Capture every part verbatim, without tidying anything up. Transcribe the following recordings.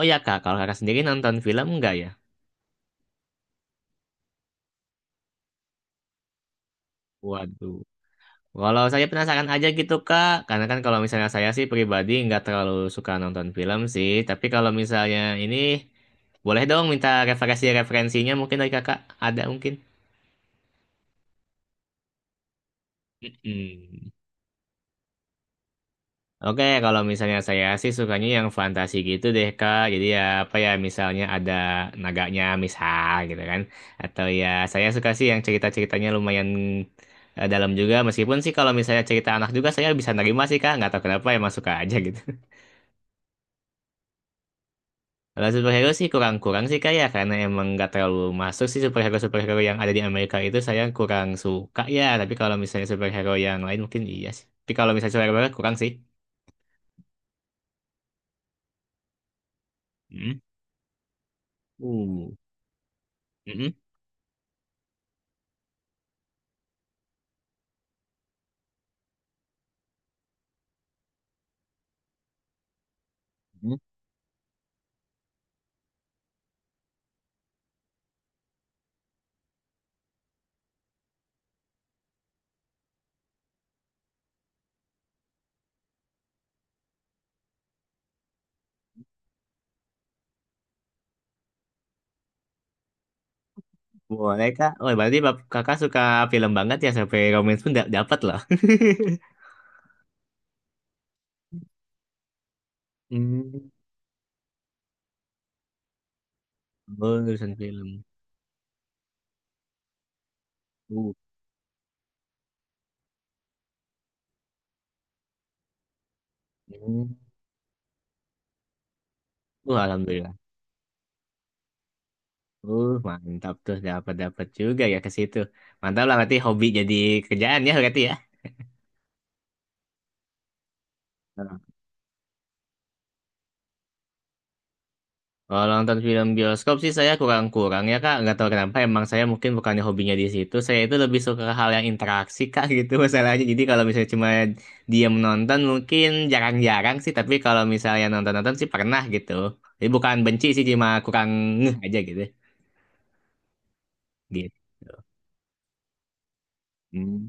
Oh ya kak, kalau kakak sendiri nonton film enggak ya? Waduh. Kalau saya penasaran aja gitu kak, karena kan kalau misalnya saya sih pribadi nggak terlalu suka nonton film sih, tapi kalau misalnya ini boleh dong minta referensi-referensinya mungkin dari kakak ada mungkin. Mm-mm. Oke, kalau misalnya saya sih sukanya yang fantasi gitu deh, Kak. Jadi ya apa ya, misalnya ada naganya misal gitu kan. Atau ya saya suka sih yang cerita-ceritanya lumayan eh, dalam juga. Meskipun sih kalau misalnya cerita anak juga saya bisa nerima sih, Kak. Nggak tahu kenapa emang suka aja gitu. Kalau superhero sih kurang-kurang sih, Kak ya. Karena emang nggak terlalu masuk sih superhero-superhero yang ada di Amerika itu saya kurang suka ya. Tapi kalau misalnya superhero yang lain mungkin iya sih. Tapi kalau misalnya superhero kurang sih. Hmm. Uh, Mm-mm. Boleh kak. Oh berarti bap- kakak suka film banget ya sampai romance pun da- dapat loh. Hmm. Oh urusan film. Uh. Hmm. Uh, alhamdulillah. Uh mantap tuh dapat dapat juga ya ke situ. Mantap lah berarti hobi jadi kerjaan ya berarti ya. Kalau nonton film bioskop sih saya kurang-kurang ya Kak. Nggak tahu kenapa emang saya mungkin bukannya hobinya di situ. Saya itu lebih suka hal yang interaksi Kak gitu masalahnya. Jadi kalau misalnya cuma diam nonton mungkin jarang-jarang sih. Tapi kalau misalnya nonton-nonton sih pernah gitu. Jadi bukan benci sih cuma kurang ngeh aja gitu. Gitu. Hmm.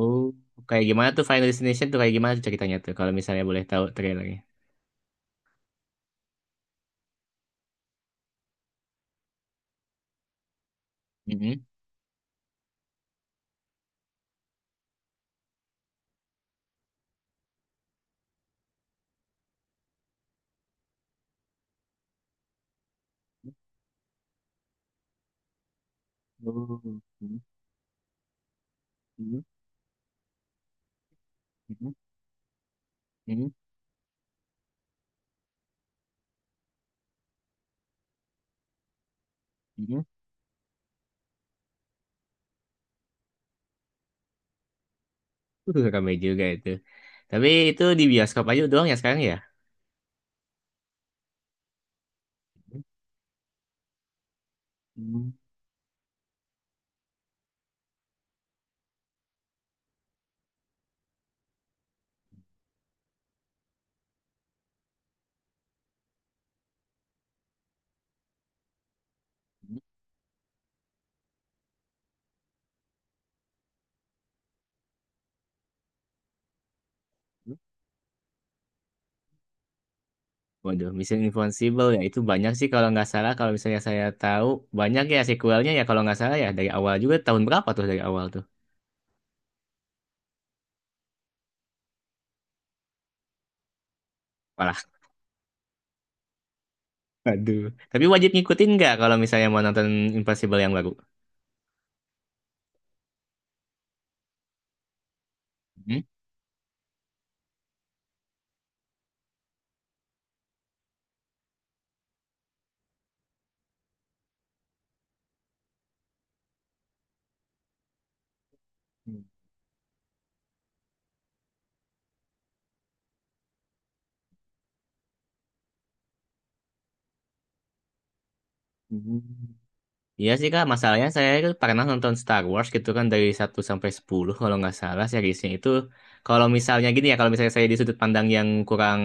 Oh, kayak gimana tuh Final Destination tuh kayak gimana tuh ceritanya tuh kalau misalnya boleh tahu trailernya. Mm-mm. Oh. Mm-mm. Mm-mm. Mm-mm. Uh, Rame juga itu. Tapi itu di bioskop aja doang ya sekarang ya? Hmm. Waduh, Mission Impossible ya itu banyak sih kalau nggak salah. Kalau misalnya saya tahu banyak ya sequelnya ya kalau nggak salah ya dari awal juga tahun berapa tuh dari awal tuh? Walah, aduh. Tapi wajib ngikutin nggak kalau misalnya mau nonton Impossible yang baru? Hmm? Hmm. Iya sih kak, masalahnya saya itu pernah nonton Star Wars gitu kan dari satu sampai sepuluh kalau nggak salah seriesnya itu kalau misalnya gini ya, kalau misalnya saya di sudut pandang yang kurang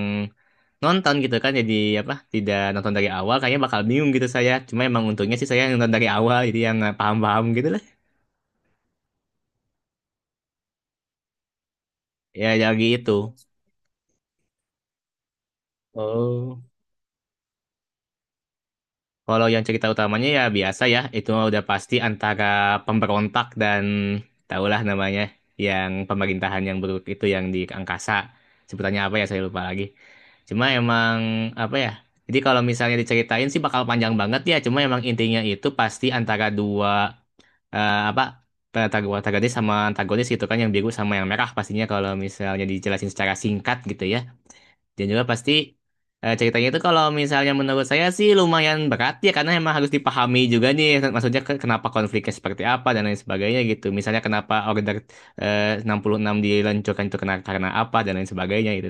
nonton gitu kan jadi apa tidak nonton dari awal kayaknya bakal bingung gitu saya cuma emang untungnya sih saya nonton dari awal jadi yang eh, paham-paham gitu lah ya jadi itu. Oh, kalau yang cerita utamanya ya biasa ya itu mah udah pasti antara pemberontak dan tahulah namanya yang pemerintahan yang buruk itu yang di angkasa sebutannya apa ya saya lupa lagi cuma emang apa ya jadi kalau misalnya diceritain sih bakal panjang banget ya cuma emang intinya itu pasti antara dua eh, apa ta- tag- Tagades sama antagonis gitu kan yang biru sama yang merah pastinya kalau misalnya dijelasin secara singkat gitu ya dan juga pasti eh, ceritanya itu kalau misalnya menurut saya sih lumayan berat ya karena emang harus dipahami juga nih maksudnya ke- kenapa konfliknya seperti apa dan lain sebagainya gitu misalnya kenapa Order eh, enam puluh enam diluncurkan itu karena, karena apa dan lain sebagainya gitu.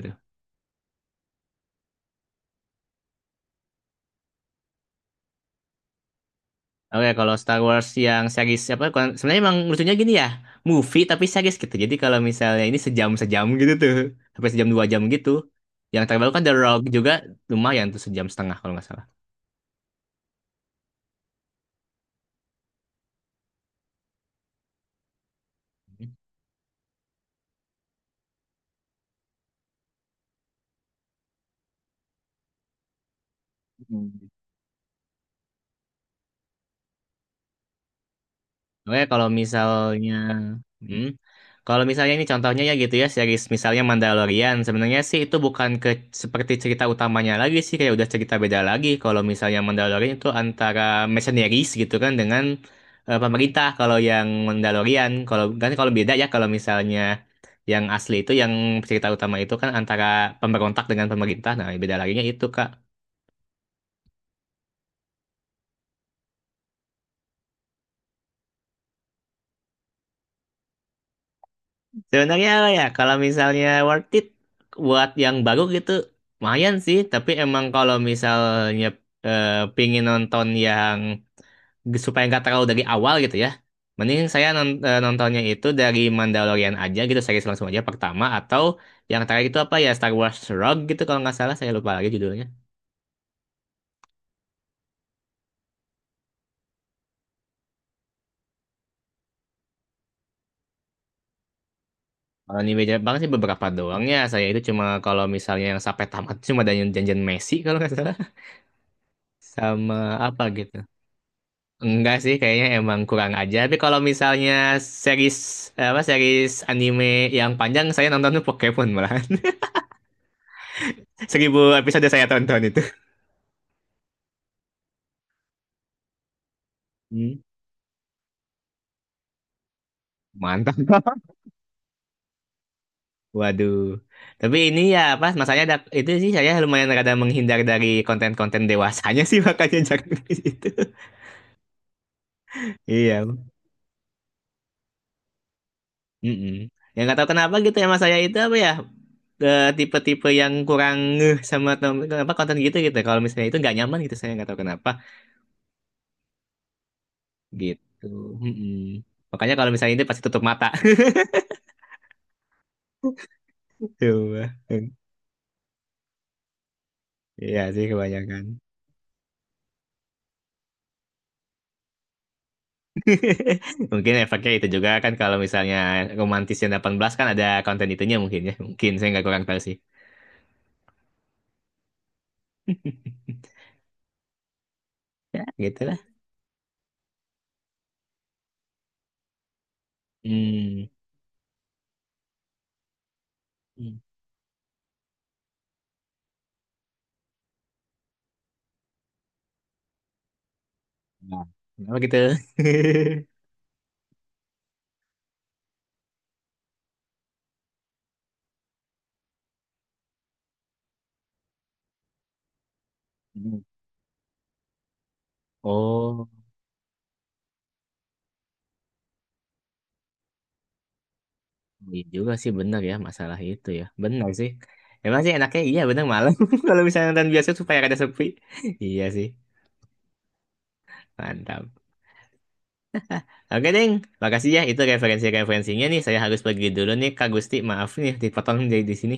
Oke, kalau Star Wars yang series apa? kon- Sebenarnya emang lucunya gini ya, movie tapi series gitu. Jadi kalau misalnya ini sejam-sejam gitu tuh, sampai sejam dua jam gitu. Yang terbaru kan The Rock juga lumayan tuh sejam setengah kalau nggak salah. Oke, kalau misalnya, hmm, kalau misalnya ini contohnya ya gitu ya, series misalnya Mandalorian, sebenarnya sih itu bukan ke seperti cerita utamanya lagi sih, kayak udah cerita beda lagi. Kalau misalnya Mandalorian itu antara mercenaries gitu kan dengan eh, pemerintah. Kalau yang Mandalorian, kalau kan kalau beda ya kalau misalnya yang asli itu yang cerita utama itu kan antara pemberontak dengan pemerintah. Nah, beda laginya itu Kak. Sebenarnya apa ya, kalau misalnya worth it buat yang baru gitu, lumayan sih. Tapi emang kalau misalnya eh, pingin nonton yang supaya nggak terlalu dari awal gitu ya, mending saya non- eh, nontonnya itu dari Mandalorian aja gitu, series langsung aja pertama. Atau yang terakhir itu apa ya, Star Wars Rogue gitu kalau nggak salah, saya lupa lagi judulnya. Kalau ini beda banget sih beberapa doang ya. Saya itu cuma kalau misalnya yang sampai tamat cuma ada yang Janjian Messi kalau nggak salah. Sama apa gitu. Enggak sih, kayaknya emang kurang aja. Tapi kalau misalnya series apa series anime yang panjang, saya nonton tuh Pokemon malahan. Seribu episode saya tonton itu. Hmm, mantap. Waduh. Tapi ini ya apa masanya ada, itu sih saya lumayan rada menghindar dari konten-konten dewasanya sih makanya jarang di situ. Iya. Mm-mm. Yang nggak tahu kenapa gitu ya mas saya itu apa ya eh, tipe-tipe yang kurang ngeh sama tem- apa konten gitu gitu. Kalau misalnya itu nggak nyaman gitu saya nggak tahu kenapa. Gitu. Mm-mm. Makanya kalau misalnya ini pasti tutup mata. Coba. Iya sih kebanyakan. Mungkin efeknya itu juga kan kalau misalnya romantis yang delapan belas kan ada konten itunya mungkin ya. Mungkin saya nggak kurang tahu sih. Ya, gitu lah. Hmm. Hmm. Nah, kenapa gitu? Hmm. Oh, iya juga sih benar ya masalah itu ya. Benar sih. Emang sih enaknya iya benar malam kalau misalnya nonton biasa supaya ada sepi. Iya sih. Mantap. Oke, Ding. Makasih ya. Itu referensi-referensinya nih. Saya harus pergi dulu nih, Kak Gusti. Maaf nih, dipotong dari di sini.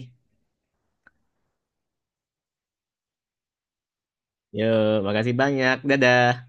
Yo, makasih banyak. Dadah.